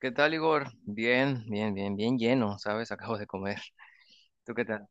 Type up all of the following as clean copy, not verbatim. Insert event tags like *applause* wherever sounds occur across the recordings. ¿Qué tal, Igor? Bien, bien, bien, bien lleno, ¿sabes? *laughs* Acabo de comer. ¿Tú qué tal?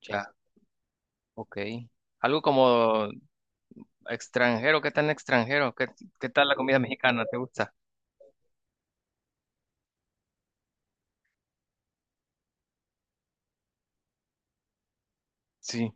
Sí. Ah, ok. Algo como extranjero, ¿qué tan extranjero? ¿Qué tal la comida mexicana? ¿Te gusta? Sí,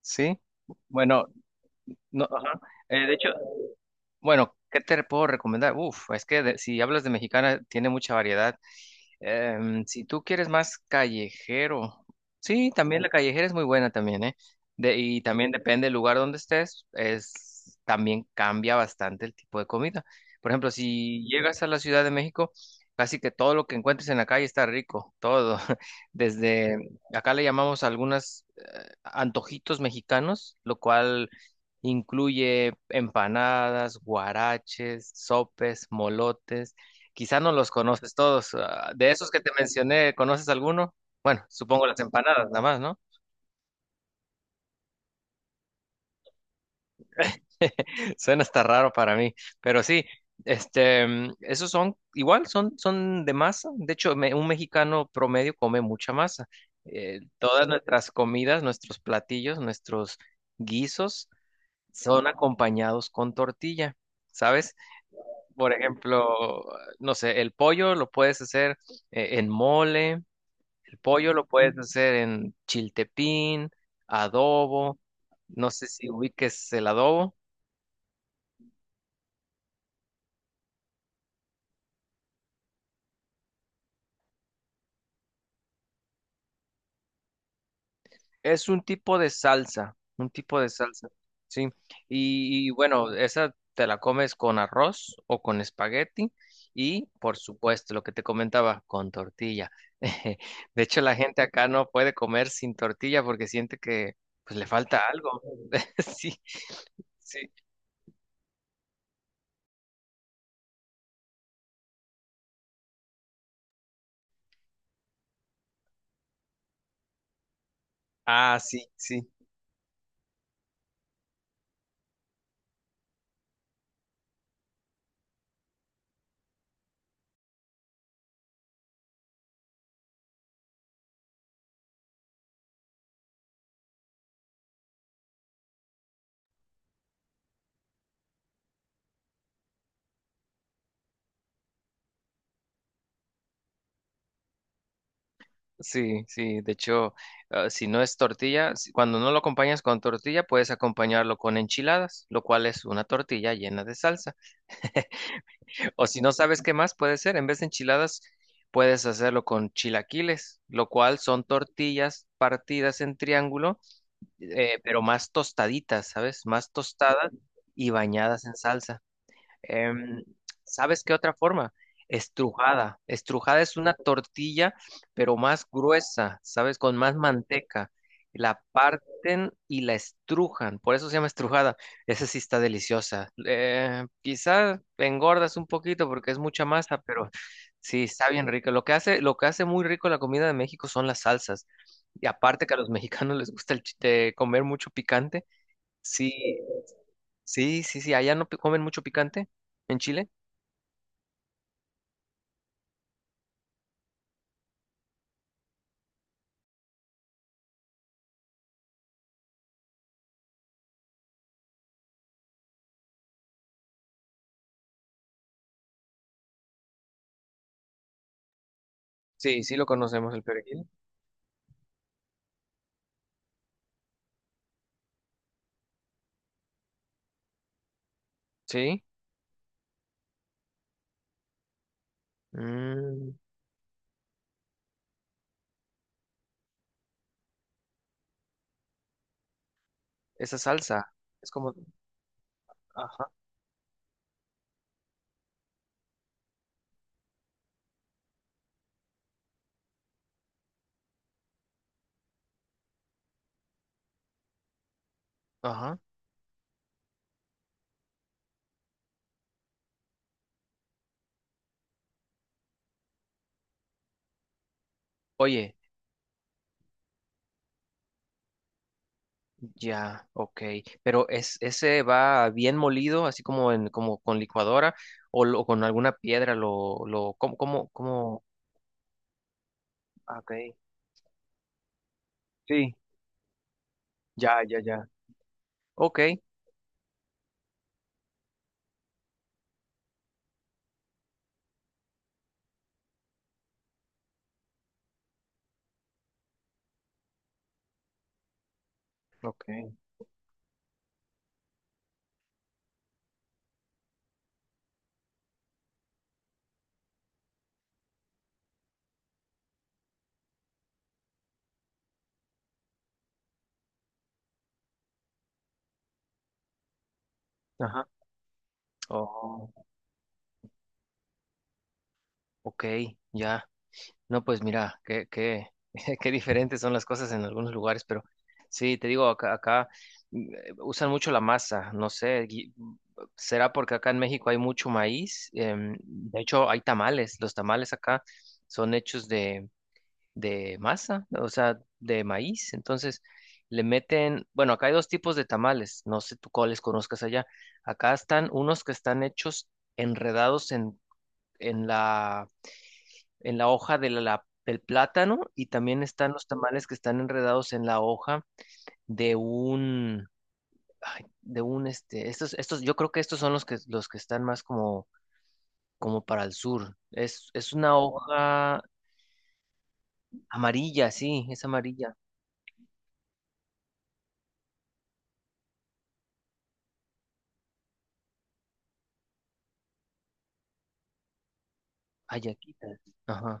sí. Bueno, no, ajá. De hecho, bueno, ¿qué te puedo recomendar? Uf, es que si hablas de mexicana, tiene mucha variedad. Si tú quieres más callejero, sí, también la callejera es muy buena también, ¿eh? Y también depende del lugar donde estés, también cambia bastante el tipo de comida. Por ejemplo, si llegas a la Ciudad de México, casi que todo lo que encuentres en la calle está rico, todo. *laughs* Desde acá le llamamos algunos antojitos mexicanos, lo cual incluye empanadas, guaraches, sopes, molotes. Quizá no los conoces todos. Ah, de esos que te mencioné, ¿conoces alguno? Bueno, supongo las empanadas, nada más, ¿no? *laughs* Suena hasta raro para mí, pero sí, esos son igual, son de masa. De hecho, un mexicano promedio come mucha masa. Todas nuestras comidas, nuestros platillos, nuestros guisos son acompañados con tortilla, ¿sabes? Por ejemplo, no sé, el pollo lo puedes hacer en mole. Pollo lo puedes hacer en chiltepín, adobo, no sé si ubiques el adobo. Es un tipo de salsa, un tipo de salsa, sí. Y bueno, esa te la comes con arroz o con espagueti y, por supuesto, lo que te comentaba, con tortilla. *laughs* De hecho, la gente acá no puede comer sin tortilla porque siente que pues le falta algo. *laughs* Sí, sí. Ah, sí, sí. Sí, sí, de hecho, si no es tortilla, cuando no lo acompañas con tortilla, puedes acompañarlo con enchiladas, lo cual es una tortilla llena de salsa. O si no sabes qué más puede ser, en vez de enchiladas, puedes hacerlo con chilaquiles, lo cual son tortillas partidas en triángulo, pero más tostaditas, ¿sabes? Más tostadas y bañadas en salsa. Em, ¿sabes qué otra forma? Estrujada. Estrujada es una tortilla, pero más gruesa, ¿sabes? Con más manteca. La parten y la estrujan, por eso se llama estrujada. Esa sí está deliciosa. Quizás engordas un poquito porque es mucha masa, pero sí, está bien rica. Lo que hace muy rico la comida de México son las salsas. Y aparte que a los *laughs* mexicanos les gusta comer mucho picante. Sí, sí, sí, sí. Allá no comen mucho picante en Chile. Sí, sí lo conocemos el perejil. Sí. Mm, esa salsa es como. Ajá, ajá. Oye, ya, ok. Pero ese va bien molido, así como como con licuadora o, con alguna piedra, ¿cómo, cómo, cómo? Ah, ok. Sí, ya, ya, ya. Ok, ok. Ajá. Oh, ok, ya. No, pues mira, *laughs* qué diferentes son las cosas en algunos lugares, pero sí, te digo, acá, usan mucho la masa, no sé, será porque acá en México hay mucho maíz, de hecho hay tamales. Los tamales acá son hechos de masa, o sea, de maíz. Entonces le meten, bueno, acá hay dos tipos de tamales, no sé tú cuáles conozcas allá. Acá están unos que están hechos enredados en la en la hoja del plátano y también están los tamales que están enredados en la hoja de un, ay, de un, este, estos, yo creo que estos son los que están más como, como para el sur. Es una hoja amarilla, sí, es amarilla. Ayaquita. Ajá.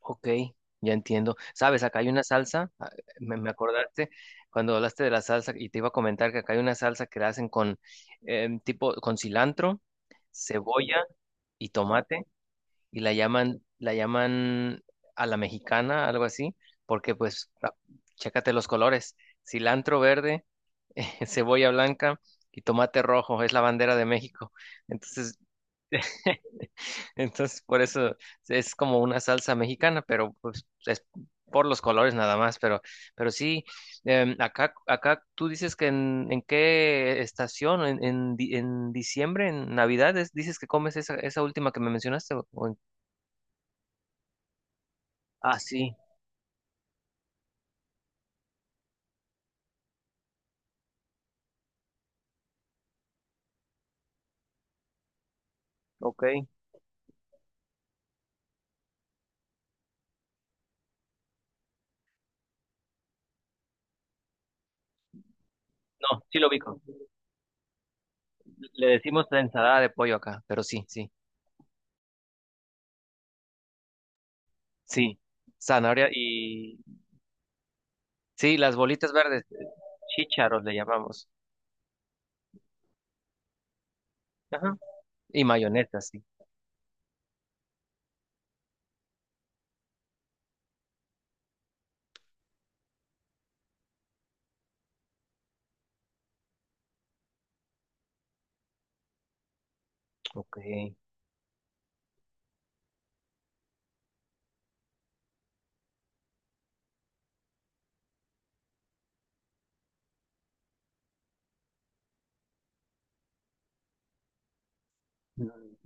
Ok, ya entiendo. Sabes, acá hay una salsa, me acordaste cuando hablaste de la salsa y te iba a comentar que acá hay una salsa que la hacen con tipo con cilantro, cebolla y tomate y la llaman a la mexicana, algo así, porque pues chécate los colores, cilantro verde, *laughs* cebolla blanca y tomate rojo, es la bandera de México. Entonces *laughs* entonces, por eso es como una salsa mexicana, pero pues es por los colores nada más, pero sí, acá tú dices que en qué estación, en diciembre, en Navidad, dices que comes esa, esa última que me mencionaste. Ah, sí, ok. No, sí lo ubico. Le decimos ensalada de pollo acá, pero sí, sí, sí. Zanahoria y. Sí, las bolitas verdes, chícharos le llamamos. Ajá. Y mayonesa, sí. Ok. Mm.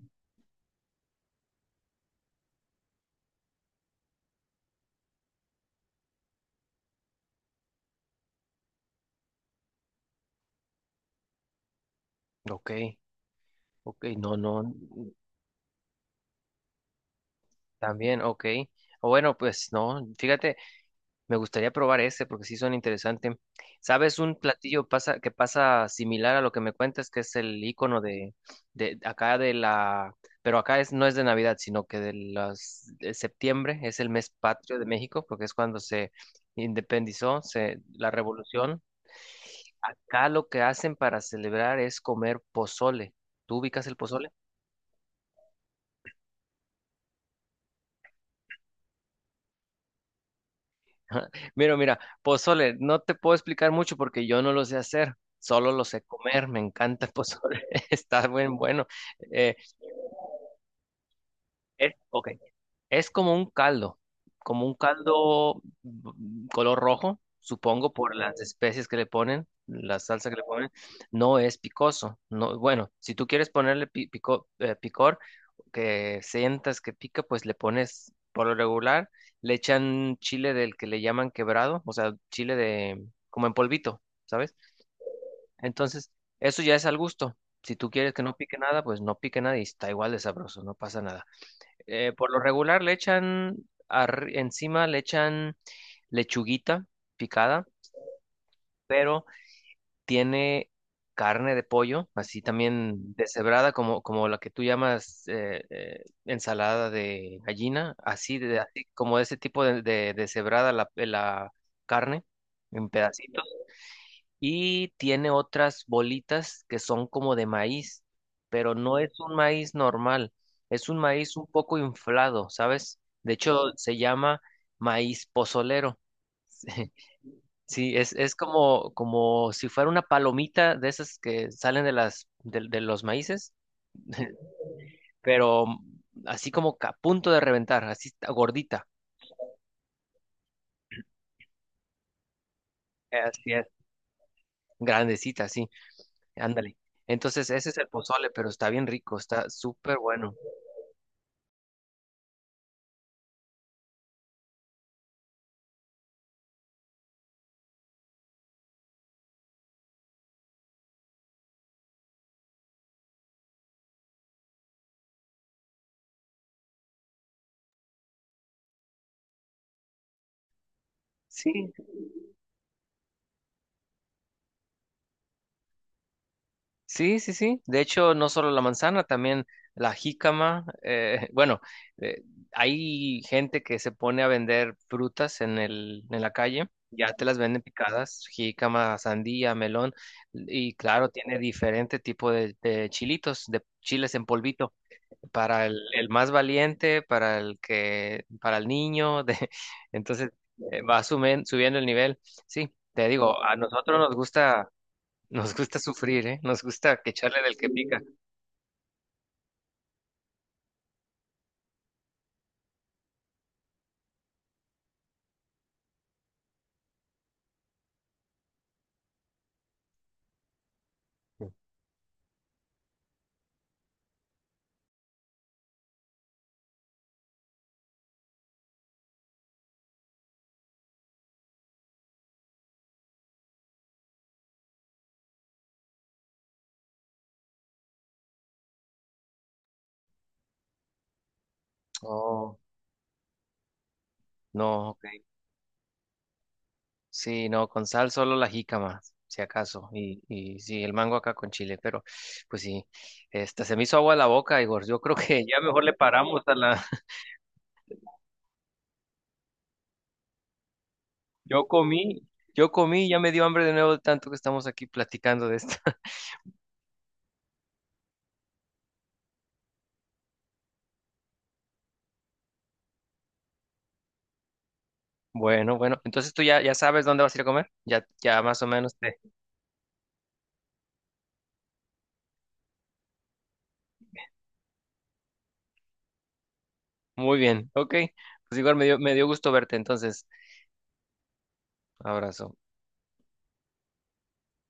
Ok. Ok, no, no, también, ok. O bueno, pues no, fíjate, me gustaría probar ese porque sí son interesantes. ¿Sabes un platillo que pasa similar a lo que me cuentas, que es el icono de acá de la, pero acá no es de Navidad, sino que de septiembre es el mes patrio de México, porque es cuando se independizó, la revolución. Acá lo que hacen para celebrar es comer pozole. ¿Tú ubicas el pozole? *laughs* Mira, mira, pozole, no te puedo explicar mucho porque yo no lo sé hacer, solo lo sé comer, me encanta el pozole, *laughs* está bien bueno. Eh, ok, es como un caldo color rojo, supongo por las especies que le ponen, la salsa que le ponen. No es picoso. No, bueno, si tú quieres ponerle picor, que sientas que pica, pues le pones por lo regular, le echan chile del que le llaman quebrado, o sea, chile de como en polvito, ¿sabes? Entonces, eso ya es al gusto. Si tú quieres que no pique nada, pues no pique nada y está igual de sabroso, no pasa nada. Por lo regular encima le echan lechuguita picada, pero tiene carne de pollo, así también deshebrada, como la que tú llamas ensalada de gallina, así, así como ese tipo de deshebrada la carne en pedacitos y tiene otras bolitas que son como de maíz, pero no es un maíz normal, es un maíz un poco inflado, ¿sabes? De hecho, se llama maíz pozolero. *laughs* Sí, es como, si fuera una palomita de esas que salen de los maíces, pero así como que a punto de reventar, así está gordita. Así es. Grandecita, así, ándale. Entonces, ese es el pozole, pero está bien rico, está súper bueno. Sí. Sí, sí, sí. De hecho, no solo la manzana, también la jícama. *laughs* Bueno, eh, hay gente que se pone a vender frutas en el, en la calle. Ya te las venden picadas, jícama, sandía, melón. Y claro, tiene diferente tipo de chilitos, de chiles en polvito. Para el más valiente, para el niño. *laughs* Entonces, va subiendo el nivel. Sí, te digo, a nosotros nos gusta. Nos gusta sufrir, ¿eh? Nos gusta que echarle del que pica. Oh, no, ok. Sí, no, con sal solo la jícama, si acaso. Y sí, el mango acá con chile, pero pues sí, esta se me hizo agua la boca, Igor. Yo creo que ya mejor le paramos a la. *laughs* Yo comí, yo comí, ya me dio hambre de nuevo de tanto que estamos aquí platicando de esto. *laughs* Bueno, bueno, entonces tú ya, sabes dónde vas a ir a comer. Ya, ya más o menos te. Muy bien, ok. Pues Igor, me dio gusto verte, entonces, abrazo.